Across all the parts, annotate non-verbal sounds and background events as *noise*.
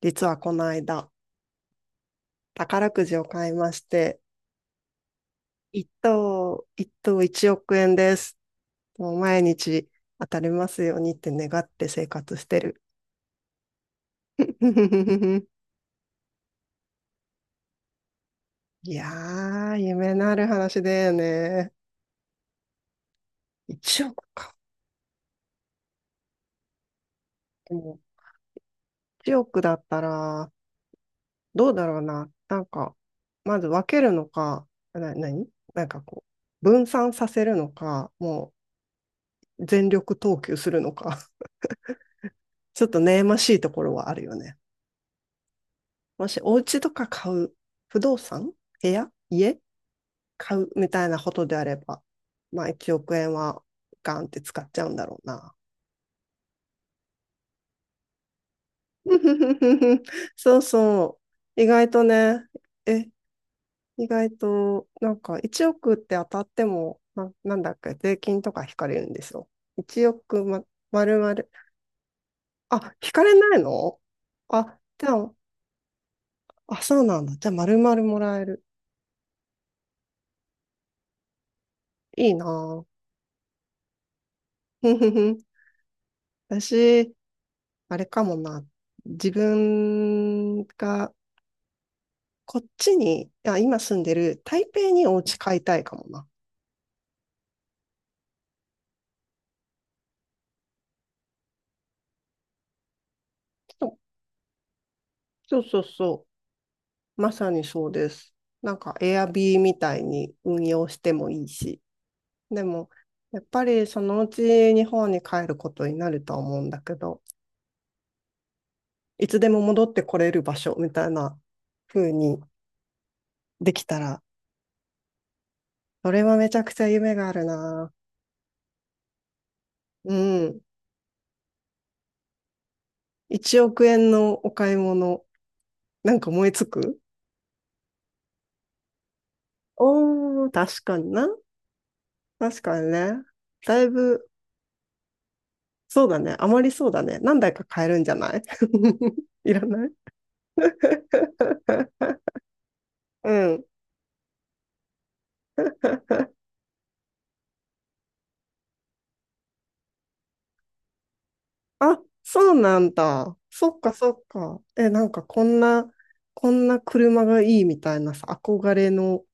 実はこの間、宝くじを買いまして、一等1億円です。もう毎日当たりますようにって願って生活してる。*laughs* いやー、夢のある話だよね。一億か。でも、1億だったら、どうだろうな。なんか、まず分けるのか、な、なになんかこう、分散させるのか、もう全力投球するのか。ちょっと悩ましいところはあるよね。もしお家とか買う、不動産、部屋、家、買うみたいなことであれば、まあ1億円はガンって使っちゃうんだろうな。*laughs* そうそう。意外とね、え、意外と、なんか1億って当たっても、なんだっけ、税金とか引かれるんですよ。1億まるまる。あ、引かれないの？あ、じゃあ、あ、そうなんだ。じゃあ、まるまるもらえる。いいなぁ。*laughs* 私、あれかもな。自分がこっちに、あ、今住んでる台北にお家買いたいかもな。そうそうそうそう。まさにそうです。なんか Airb みたいに運用してもいいし。でも、やっぱりそのうち日本に帰ることになると思うんだけど、いつでも戻ってこれる場所みたいな風にできたら、それはめちゃくちゃ夢があるな。うん。1億円のお買い物。なんか思いつく。おー、確かにな。確かにね。だいぶ、そうだね。あまりそうだね。何台か買えるんじゃない？ *laughs* いらない。 *laughs* うん。あ、そうなんだ。そっかそっか。え、なんかこんな、こんな車がいいみたいなさ、憧れの、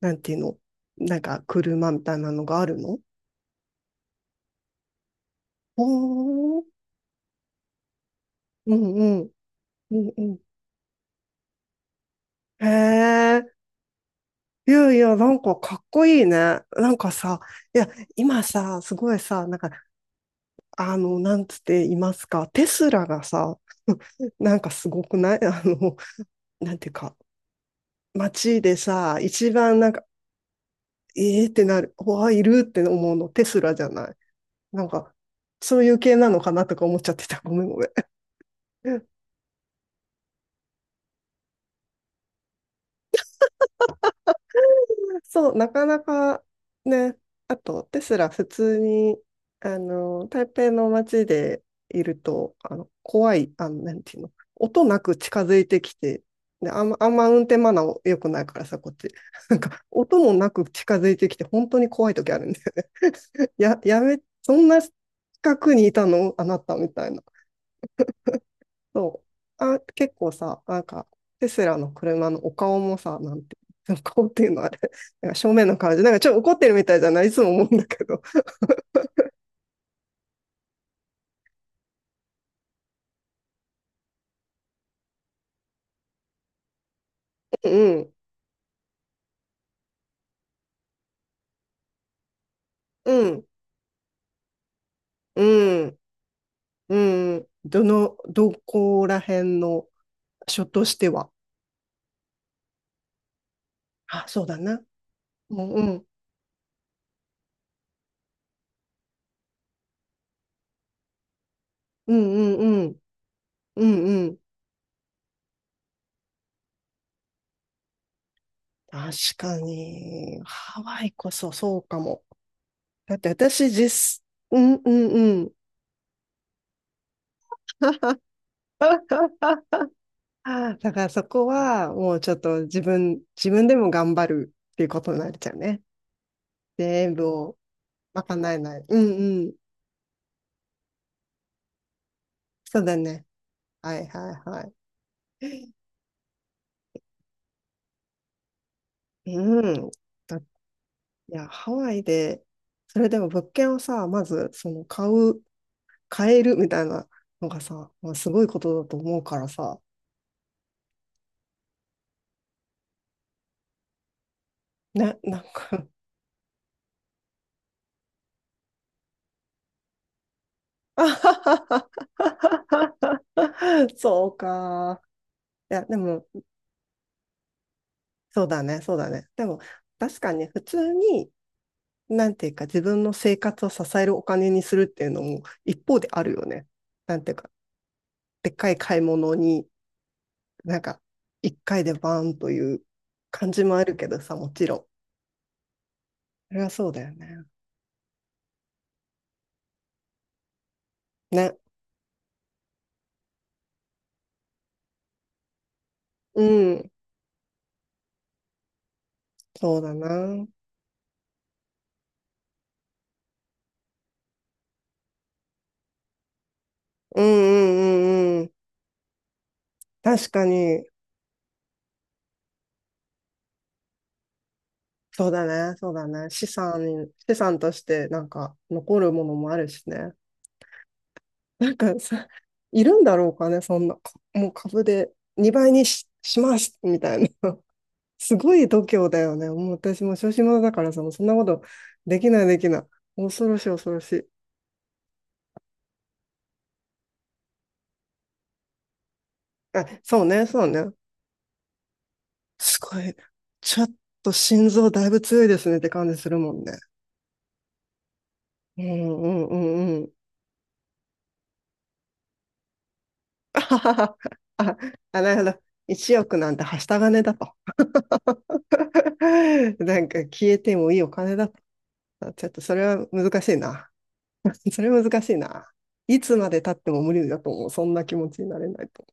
なんていうの、なんか車みたいなのがあるの？おー、うんうん、うんうん。へえ、いやいや、なんかかっこいいね。なんかさ、いや、今さ、すごいさ、なんか、あの、なんつって言いますか、テスラがさ、*laughs* なんかすごくない？ *laughs* あの、なんていうか、街でさ、一番なんか、えーってなる、わあ、いるって思うの、テスラじゃない？なんか、そういう系なのかなとか思っちゃってた。ごめんごめん。そう、なかなかね、あと、テスラ普通に、あの、台北の街でいると、あの、怖い、あの、なんていうの、音なく近づいてきて、で、あんま運転マナー良くないからさ、こっち。*laughs* なんか、音もなく近づいてきて、本当に怖い時あるんで、や、やめ、そんな近くにいたのあなたみたいな。そう。あ、結構さ、なんか、テスラの車のお顔もさ、なんて、お顔っていうのはあれ、*laughs* なんか正面の顔じゃ、なんかちょっと怒ってるみたいじゃない？いつも思うんだけど。うん、うん、うん、うん。どこら辺の書としては。あ、そうだな。うん、うん、うん、うん、うん、うん。確かに、ハワイこそそうかも。だって私実、うん、うん、うん。*laughs* ああ、だからそこはもうちょっと自分でも頑張るっていうことになっちゃうね。全部を賄えない。うんうん。そうだね。はいはいはい。うん。だいや、ハワイで、それでも物件をさ、まずその買う、買えるみたいなのがさ、まあ、すごいことだと思うからさ。ね、なんか。 *laughs* そうか。いや、でも、そうだね、そうだね。でも、確かに普通になんていうか、自分の生活を支えるお金にするっていうのも一方であるよね。なんていうか、でっかい買い物に、なんか、一回でバーンという感じもあるけどさ、もちろん。それはそうだよね。ね。うん。そうだな。うんうんうんうん。確かに、そうだね。そうだね。資産としてなんか残るものもあるしね。なんかさ、いるんだろうかね、そんな。かもう株で2倍しますみたいな。すごい度胸だよね。もう私も小心者だからさ、もうそんなことできないできない。恐ろしい恐ろしい。あ、そうね、そうね。すごい。ちょっと心臓だいぶ強いですねって感じするもんね。うんうんうんうん。*laughs* あはははあ、あなるほど。1億なんてはした金だと。*laughs* なんか消えてもいいお金だと。あちょっとそれは難しいな。*laughs* それは難しいな。いつまで経っても無理だと思う。そんな気持ちになれないと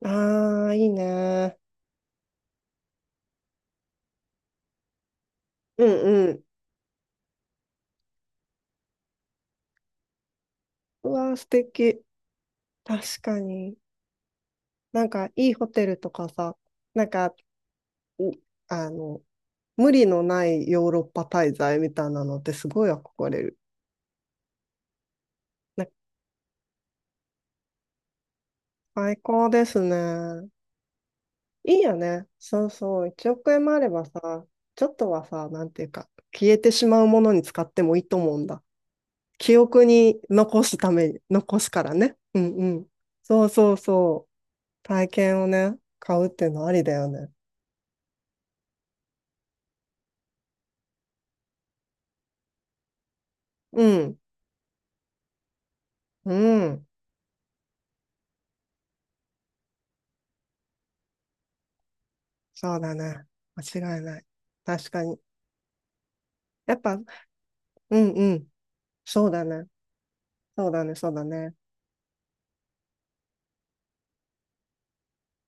思う。ああ、いいね。うんうん。うわー、素敵。確かに。なんか、いいホテルとかさ、なんか、うあの、無理のないヨーロッパ滞在みたいなのってすごい憧れる。なんか最高ですね。いいよね。そうそう。1億円もあればさ、ちょっとはさ、なんていうか、消えてしまうものに使ってもいいと思うんだ。記憶に残すために、残すからね。うんうん。そうそうそう。体験をね、買うっていうのありだよね。うん。うん。そうだな。間違いない。確かに。やっぱ、うんうん。そうだね。そうだね。そうだね。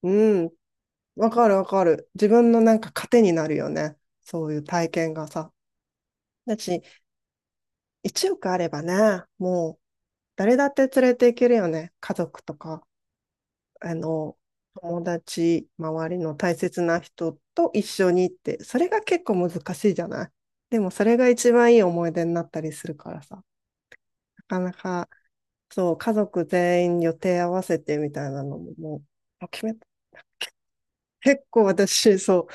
うん。わかるわかる。自分のなんか糧になるよね。そういう体験がさ。だし、1億あればね、もう誰だって連れていけるよね。家族とか、あの、友達、周りの大切な人と一緒にって、それが結構難しいじゃない？でもそれが一番いい思い出になったりするからさ。なかなかそう、家族全員予定合わせてみたいなのも、もう、決めた。結構私、そ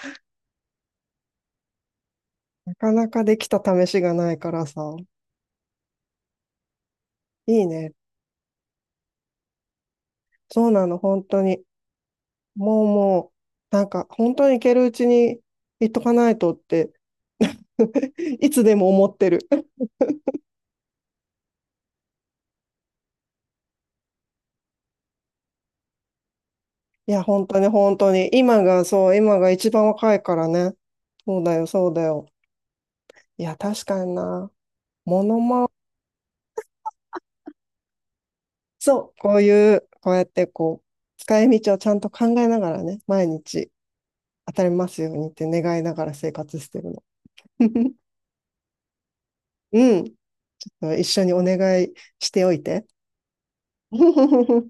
う、なかなかできた試しがないからさ、いいね。そうなの、本当に。もうもう、なんか、本当に行けるうちに行っとかないとって、*laughs* いつでも思ってる。いや、本当に本当に。今がそう、今が一番若いからね。そうだよ、そうだよ。いや、確かにな。モノマそう、こういう、こうやってこう、使い道をちゃんと考えながらね、毎日当たりますようにって願いながら生活してるの。*laughs* うん、一緒にお願いしておいて。*laughs*